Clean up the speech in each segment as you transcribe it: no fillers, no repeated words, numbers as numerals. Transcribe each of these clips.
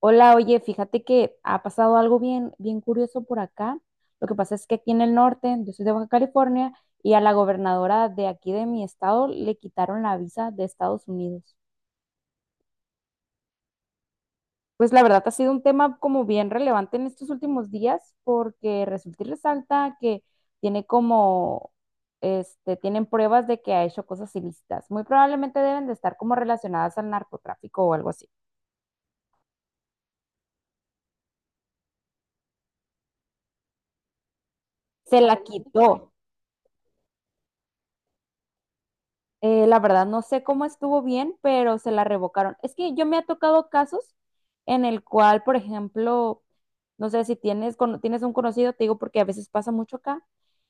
Hola, oye, fíjate que ha pasado algo bien, bien curioso por acá. Lo que pasa es que aquí en el norte, yo soy de Baja California, y a la gobernadora de aquí de mi estado le quitaron la visa de Estados Unidos. Pues la verdad ha sido un tema como bien relevante en estos últimos días porque resulta y resalta que tiene como, tienen pruebas de que ha hecho cosas ilícitas. Muy probablemente deben de estar como relacionadas al narcotráfico o algo así. Se la quitó. La verdad, no sé cómo estuvo bien, pero se la revocaron. Es que yo me ha tocado casos en el cual, por ejemplo, no sé si tienes un conocido, te digo porque a veces pasa mucho acá,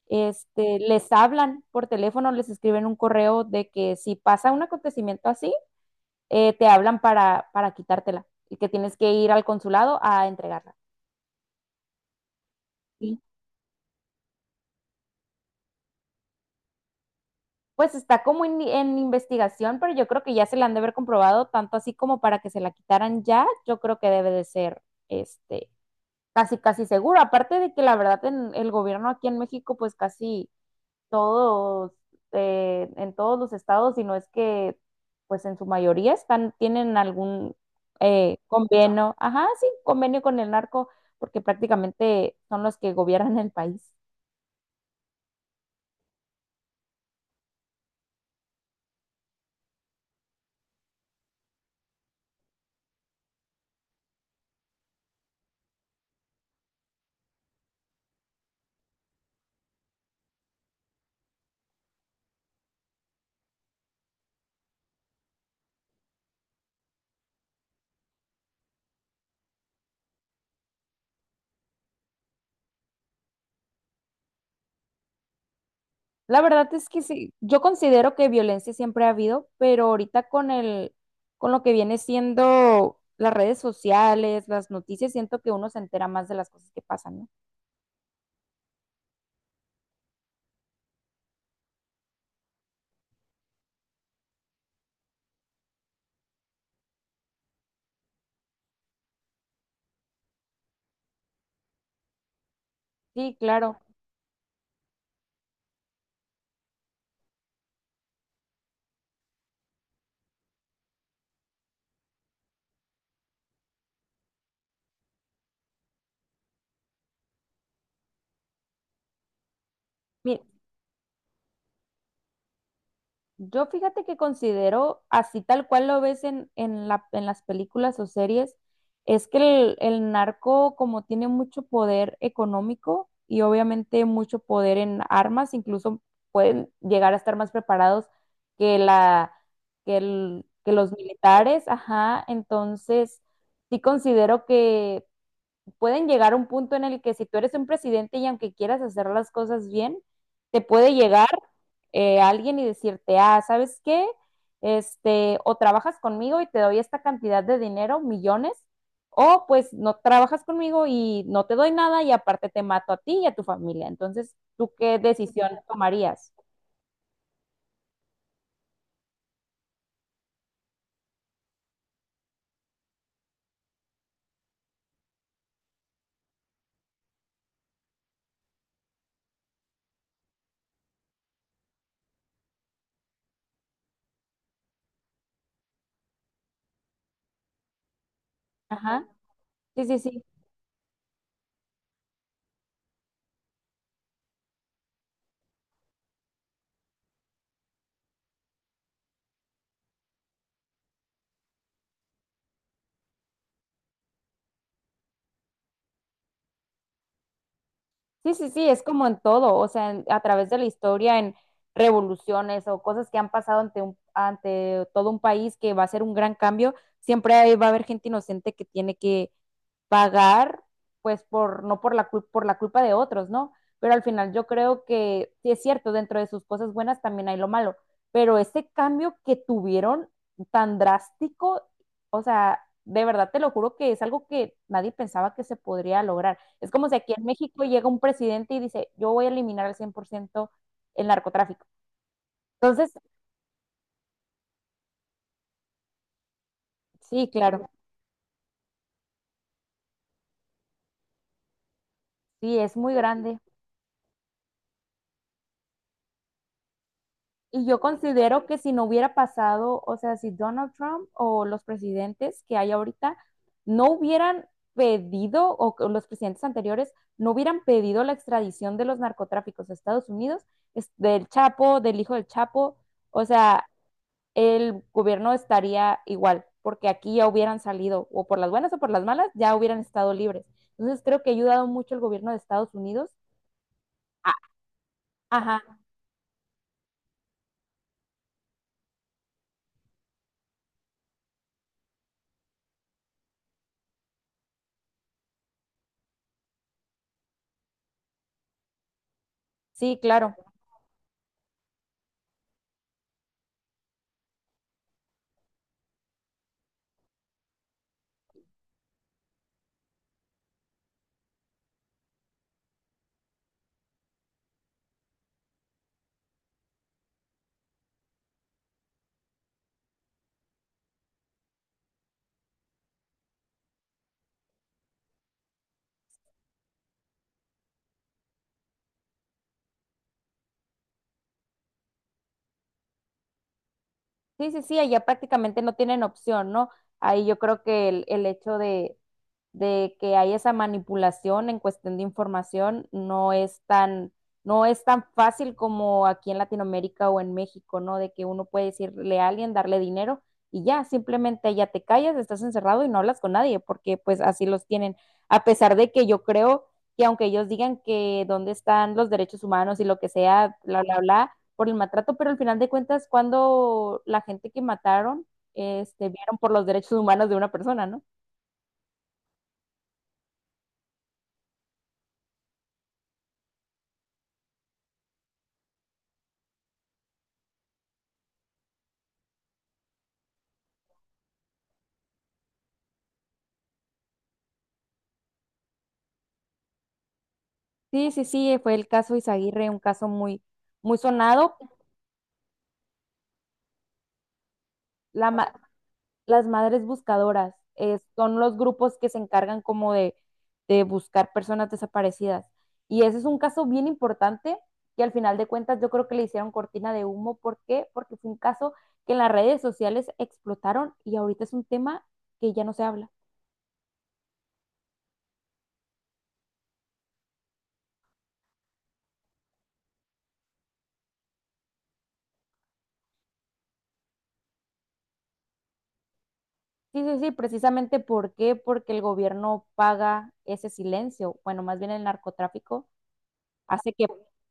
les hablan por teléfono, les escriben un correo de que si pasa un acontecimiento así, te hablan para quitártela y que tienes que ir al consulado a entregarla. Pues está como en investigación, pero yo creo que ya se la han de haber comprobado, tanto así como para que se la quitaran ya, yo creo que debe de ser este casi casi seguro. Aparte de que la verdad en el gobierno aquí en México, pues casi todos, en todos los estados, si no es que pues en su mayoría tienen algún convenio, ajá, sí, convenio con el narco, porque prácticamente son los que gobiernan el país. La verdad es que sí, yo considero que violencia siempre ha habido, pero ahorita con lo que viene siendo las redes sociales, las noticias, siento que uno se entera más de las cosas que pasan, ¿no? Sí, claro. Mi- Yo fíjate que considero, así tal cual lo ves en en las películas o series, es que el narco como tiene mucho poder económico y obviamente mucho poder en armas, incluso pueden llegar a estar más preparados que la, que los militares, ajá, entonces sí considero que pueden llegar a un punto en el que si tú eres un presidente y aunque quieras hacer las cosas bien, te puede llegar alguien y decirte, ah, ¿sabes qué? O trabajas conmigo y te doy esta cantidad de dinero, millones, o pues no trabajas conmigo y no te doy nada y aparte te mato a ti y a tu familia. Entonces, ¿tú qué decisión tomarías? Ajá. Sí, sí, sí. Sí, sí, sí, es como en todo, o sea, a través de la historia, en revoluciones o cosas que han pasado ante todo un país que va a ser un gran cambio, siempre ahí va a haber gente inocente que tiene que pagar, pues por, no por la, cul- por la culpa de otros, ¿no? Pero al final yo creo que sí es cierto, dentro de sus cosas buenas también hay lo malo, pero ese cambio que tuvieron tan drástico, o sea, de verdad te lo juro que es algo que nadie pensaba que se podría lograr. Es como si aquí en México llega un presidente y dice, yo voy a eliminar al 100% el narcotráfico. Entonces, sí, claro, sí, es muy grande. Y yo considero que si no hubiera pasado, o sea, si Donald Trump o los presidentes que hay ahorita no hubieran pedido, o los presidentes anteriores no hubieran pedido la extradición de los narcotráficos a Estados Unidos, del Chapo, del hijo del Chapo, o sea, el gobierno estaría igual, porque aquí ya hubieran salido, o por las buenas o por las malas, ya hubieran estado libres. Entonces creo que ha ayudado mucho el gobierno de Estados Unidos. Ah, ajá, sí, claro. Sí, sí, sí, allá prácticamente no tienen opción, ¿no? Ahí yo creo que el hecho de que hay esa manipulación en cuestión de información, no es tan fácil como aquí en Latinoamérica o en México, ¿no? De que uno puede decirle a alguien, darle dinero y ya, simplemente ya te callas, estás encerrado y no hablas con nadie, porque pues así los tienen. A pesar de que yo creo que aunque ellos digan que dónde están los derechos humanos y lo que sea, bla, bla, bla, por el maltrato, pero al final de cuentas, cuando la gente que mataron, vieron por los derechos humanos de una persona, ¿no? Sí, sí, sí, fue el caso Izaguirre, un caso muy, muy sonado. La ma- las madres buscadoras son los grupos que se encargan como de buscar personas desaparecidas. Y ese es un caso bien importante que al final de cuentas yo creo que le hicieron cortina de humo. ¿Por qué? Porque fue un caso que en las redes sociales explotaron y ahorita es un tema que ya no se habla. Sí, sí, sí, precisamente, ¿por qué? Porque el gobierno paga ese silencio, bueno, más bien el narcotráfico hace que,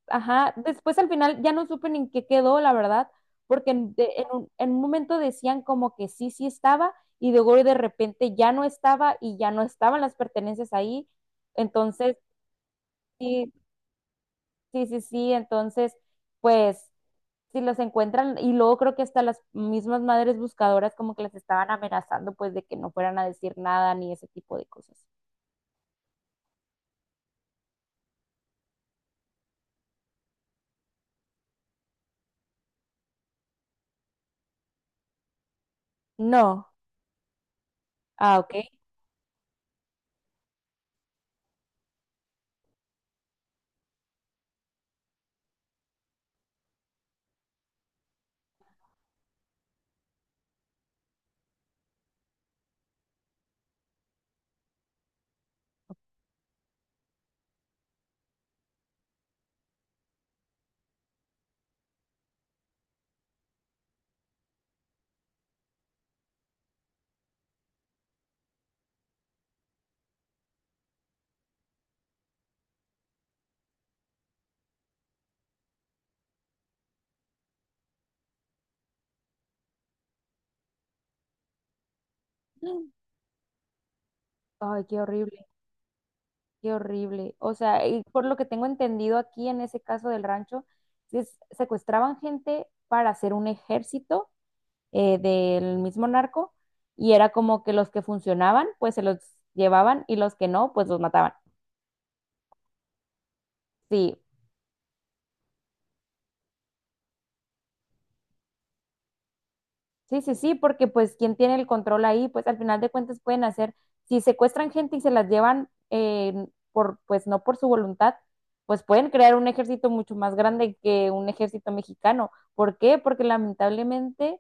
ajá, después al final ya no supe ni en qué quedó, la verdad, porque en un momento decían como que sí, sí estaba, y luego de repente ya no estaba y ya no estaban las pertenencias ahí. Entonces, sí, sí, sí, sí, entonces, pues, si los encuentran, y luego creo que hasta las mismas madres buscadoras como que las estaban amenazando, pues, de que no fueran a decir nada ni ese tipo de cosas. No. Ah, ok. Ay, qué horrible. Qué horrible. O sea, y por lo que tengo entendido aquí en ese caso del rancho, si secuestraban gente para hacer un ejército del mismo narco y era como que los que funcionaban, pues se los llevaban y los que no, pues los mataban. Sí, sí, sí, sí, porque pues quién tiene el control ahí, pues al final de cuentas pueden hacer, si secuestran gente y se las llevan por, pues no por su voluntad, pues pueden crear un ejército mucho más grande que un ejército mexicano. ¿Por qué? Porque lamentablemente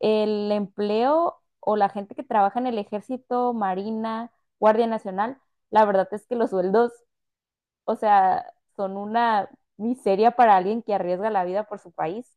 el empleo o la gente que trabaja en el ejército, Marina, Guardia Nacional, la verdad es que los sueldos, o sea, son una miseria para alguien que arriesga la vida por su país.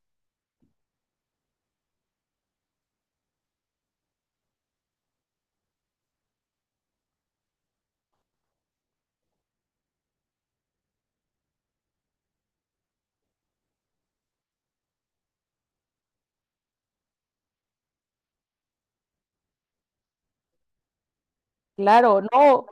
Claro, no,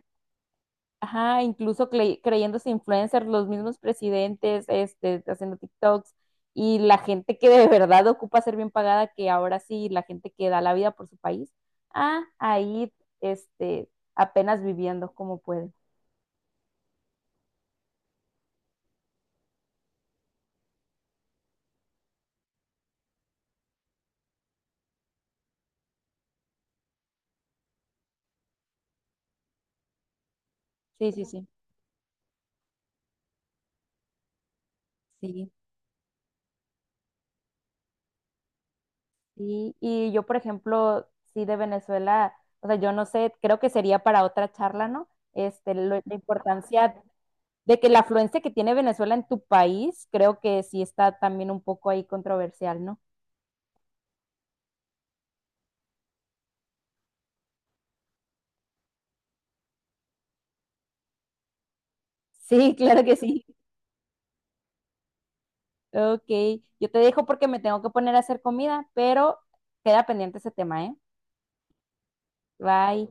ajá, incluso creyéndose influencers, los mismos presidentes, haciendo TikToks y la gente que de verdad ocupa ser bien pagada, que ahora sí, la gente que da la vida por su país, ah, ahí, este, apenas viviendo como pueden. Sí, sí, sí, sí, sí. Y yo, por ejemplo, sí de Venezuela, o sea, yo no sé, creo que sería para otra charla, ¿no? La importancia de que la afluencia que tiene Venezuela en tu país, creo que sí está también un poco ahí controversial, ¿no? Sí, claro que sí. Ok, yo te dejo porque me tengo que poner a hacer comida, pero queda pendiente ese tema, ¿eh? Bye.